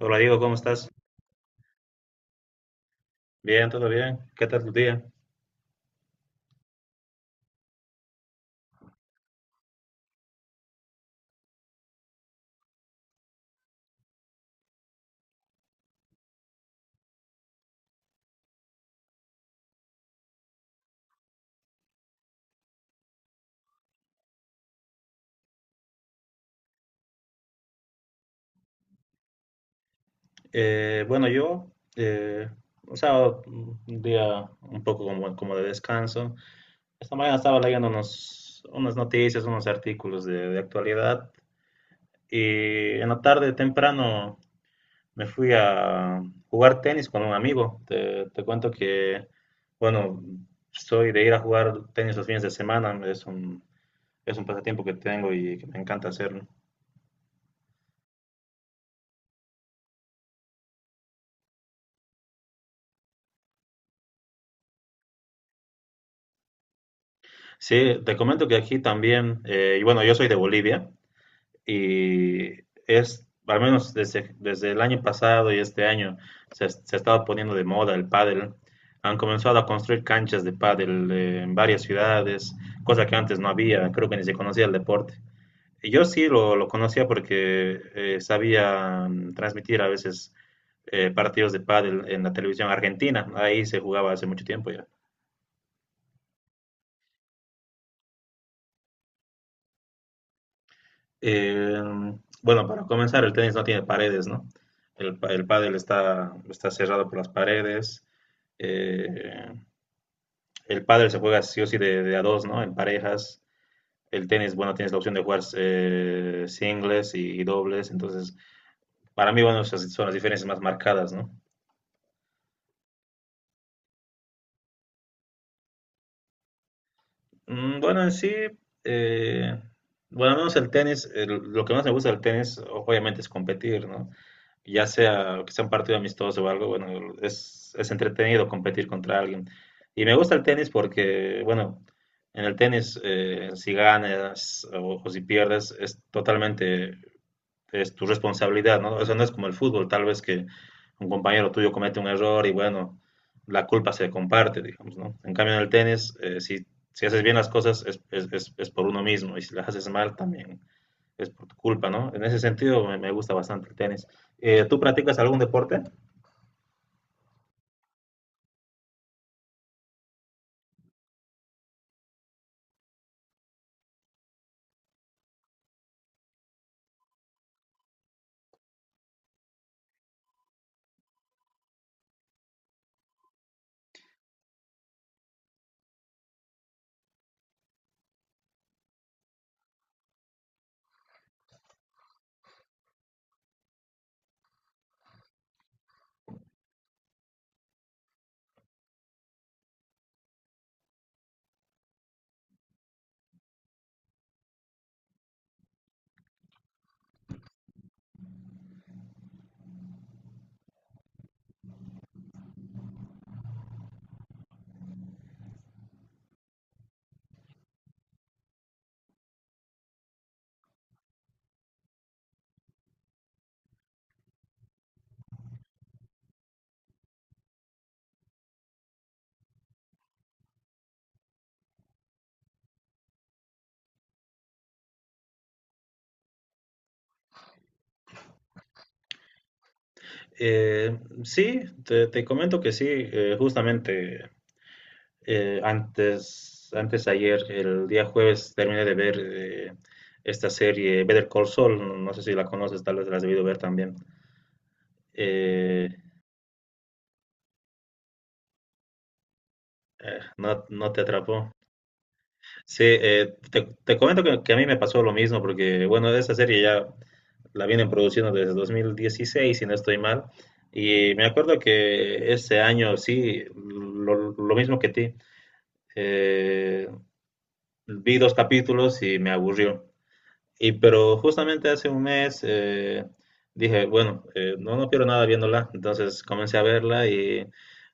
Hola Diego, ¿cómo estás? Bien, todo bien. ¿Qué tal tu día? Bueno, yo, un sábado, un día un poco como de descanso. Esta mañana estaba leyendo unas noticias, unos artículos de actualidad y en la tarde temprano me fui a jugar tenis con un amigo. Te cuento que, bueno, soy de ir a jugar tenis los fines de semana, es un pasatiempo que tengo y que me encanta hacer, ¿no? Sí, te comento que aquí también, y bueno, yo soy de Bolivia y es, al menos desde el año pasado y este año, se ha estado poniendo de moda el pádel. Han comenzado a construir canchas de pádel en varias ciudades, cosa que antes no había, creo que ni se conocía el deporte. Y yo sí lo conocía porque sabía transmitir a veces partidos de pádel en la televisión argentina, ahí se jugaba hace mucho tiempo ya. Eh, bueno, para comenzar, el tenis no tiene paredes, ¿no? El pádel está cerrado por las paredes. Eh, el pádel se juega sí o sí de a dos, ¿no? En parejas. El tenis, bueno, tienes la opción de jugar singles y dobles. Entonces, para mí, bueno, esas son las diferencias más marcadas, ¿no? Bueno, en sí, eh, bueno, al menos el tenis, lo que más me gusta del tenis, obviamente, es competir, ¿no? Ya sea que sea un partido amistoso o algo, bueno, es entretenido competir contra alguien. Y me gusta el tenis porque, bueno, en el tenis, si ganas o si pierdes, es totalmente es tu responsabilidad, ¿no? Eso no es como el fútbol, tal vez que un compañero tuyo comete un error y, bueno, la culpa se comparte, digamos, ¿no? En cambio, en el tenis, si haces bien las cosas, es por uno mismo y si las haces mal, también es por tu culpa, ¿no? En ese sentido me gusta bastante el tenis. ¿Tú practicas algún deporte? Sí, te comento que sí, justamente antes ayer, el día jueves, terminé de ver esta serie Better Call Saul, no sé si la conoces, tal vez la has debido ver también. Eh, no, no te atrapó. Sí, te comento que a mí me pasó lo mismo, porque bueno, esa serie ya la vienen produciendo desde 2016, si no estoy mal. Y me acuerdo que ese año, sí, lo mismo que ti, eh, vi dos capítulos y me aburrió. Y pero justamente hace un mes dije, bueno, no pierdo nada viéndola. Entonces comencé a verla y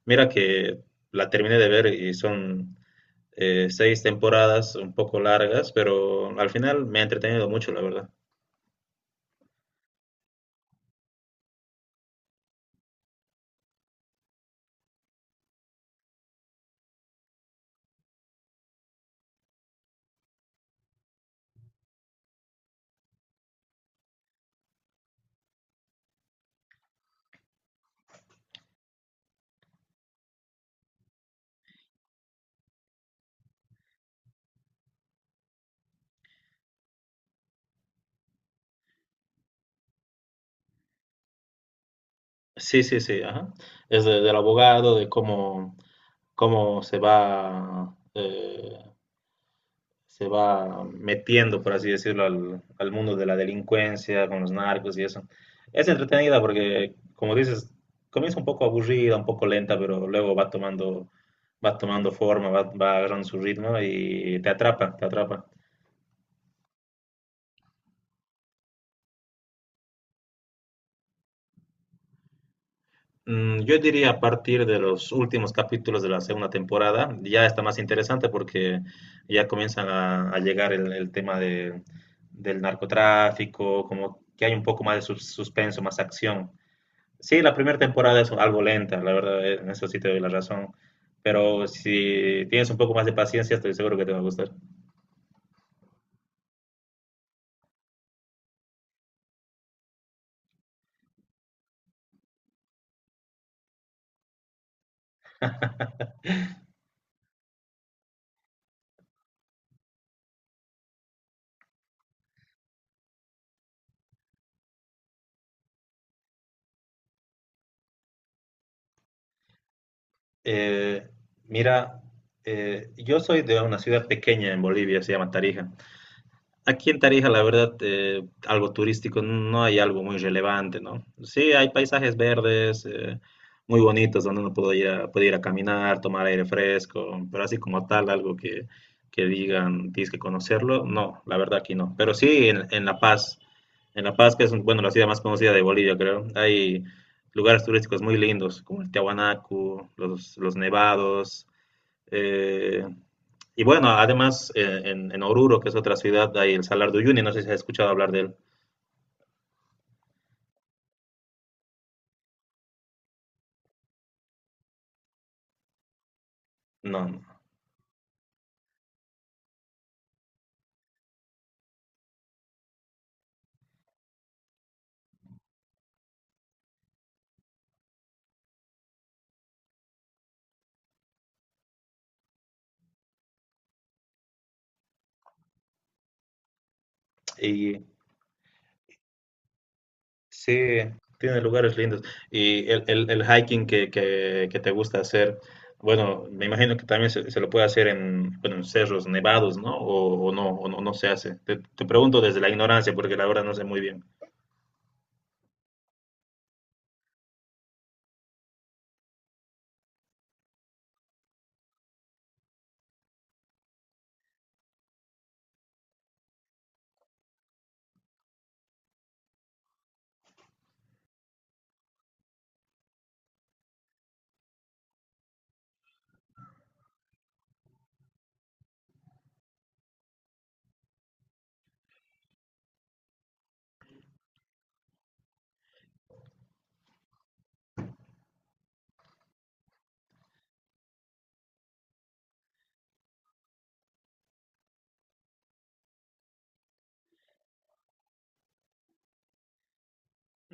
mira que la terminé de ver y son seis temporadas un poco largas, pero al final me ha entretenido mucho, la verdad. Sí, sí, sí. Ajá. Es del abogado, de cómo se va metiendo, por así decirlo, al mundo de la delincuencia, con los narcos y eso. Es entretenida porque, como dices, comienza un poco aburrida, un poco lenta, pero luego va tomando forma, va agarrando su ritmo y te atrapa, te atrapa. Yo diría a partir de los últimos capítulos de la segunda temporada, ya está más interesante porque ya comienzan a llegar el tema del narcotráfico, como que hay un poco más de suspenso, más acción. Sí, la primera temporada es algo lenta, la verdad, en eso sí te doy la razón, pero si tienes un poco más de paciencia, estoy seguro que te va a gustar. Eh, mira, yo soy de una ciudad pequeña en Bolivia, se llama Tarija. Aquí en Tarija, la verdad, algo turístico no hay algo muy relevante, ¿no? Sí, hay paisajes verdes, muy bonitos, donde uno puede ir puede ir a caminar, tomar aire fresco, pero así como tal, algo que digan, tienes que conocerlo, no, la verdad aquí no. Pero sí en La Paz, que es, bueno, la ciudad más conocida de Bolivia, creo, hay lugares turísticos muy lindos, como el Tiahuanacu, los nevados, eh, y bueno, además en Oruro, que es otra ciudad, hay el Salar de Uyuni, no sé si has escuchado hablar de él. No, no. Y sí, tiene lugares lindos. Y el hiking que te gusta hacer, bueno, me imagino que también se lo puede hacer en, bueno, en cerros nevados, ¿no? O no, no se hace. Te pregunto desde la ignorancia, porque la verdad no sé muy bien.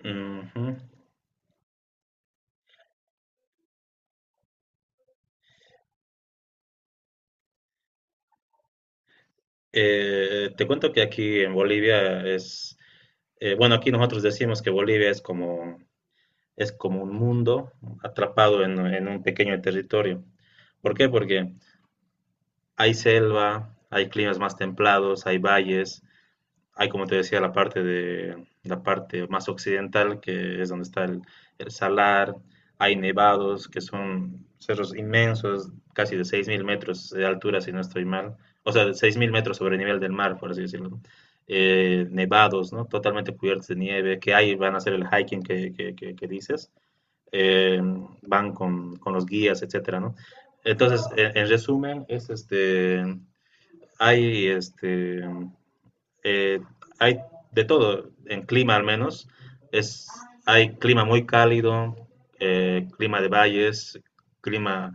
Ujú. Te cuento que aquí en Bolivia bueno, aquí nosotros decimos que Bolivia es como un mundo atrapado en un pequeño territorio. ¿Por qué? Porque hay selva, hay climas más templados, hay valles, hay, como te decía, la parte más occidental, que es donde está el salar, hay nevados, que son cerros inmensos, casi de 6000 metros de altura, si no estoy mal, o sea, de 6000 metros sobre el nivel del mar, por así decirlo. Nevados, ¿no? Totalmente cubiertos de nieve, que ahí van a hacer el hiking que dices eh, van los guías, etcétera, ¿no? Entonces, en resumen, es este, eh, hay de todo, en clima al menos, es, hay clima muy cálido, clima de valles, clima,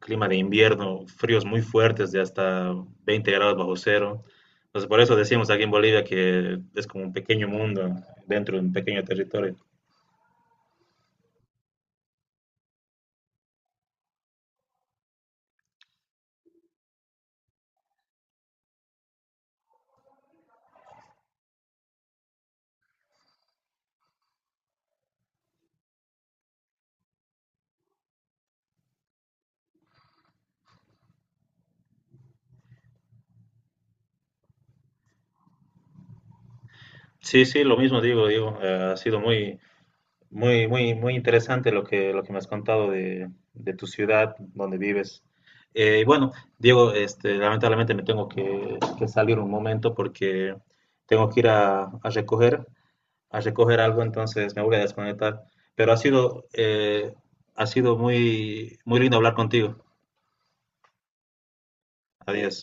clima de invierno, fríos muy fuertes de hasta 20 grados bajo cero. Entonces, por eso decimos aquí en Bolivia que es como un pequeño mundo dentro de un pequeño territorio. Sí, sí, lo mismo digo, muy, muy interesante lo que me has contado de tu ciudad donde vives. Bueno, Diego, este, lamentablemente me tengo que salir un momento porque tengo que ir a recoger algo, entonces me voy a desconectar. Pero ha sido muy, muy lindo hablar contigo. Adiós.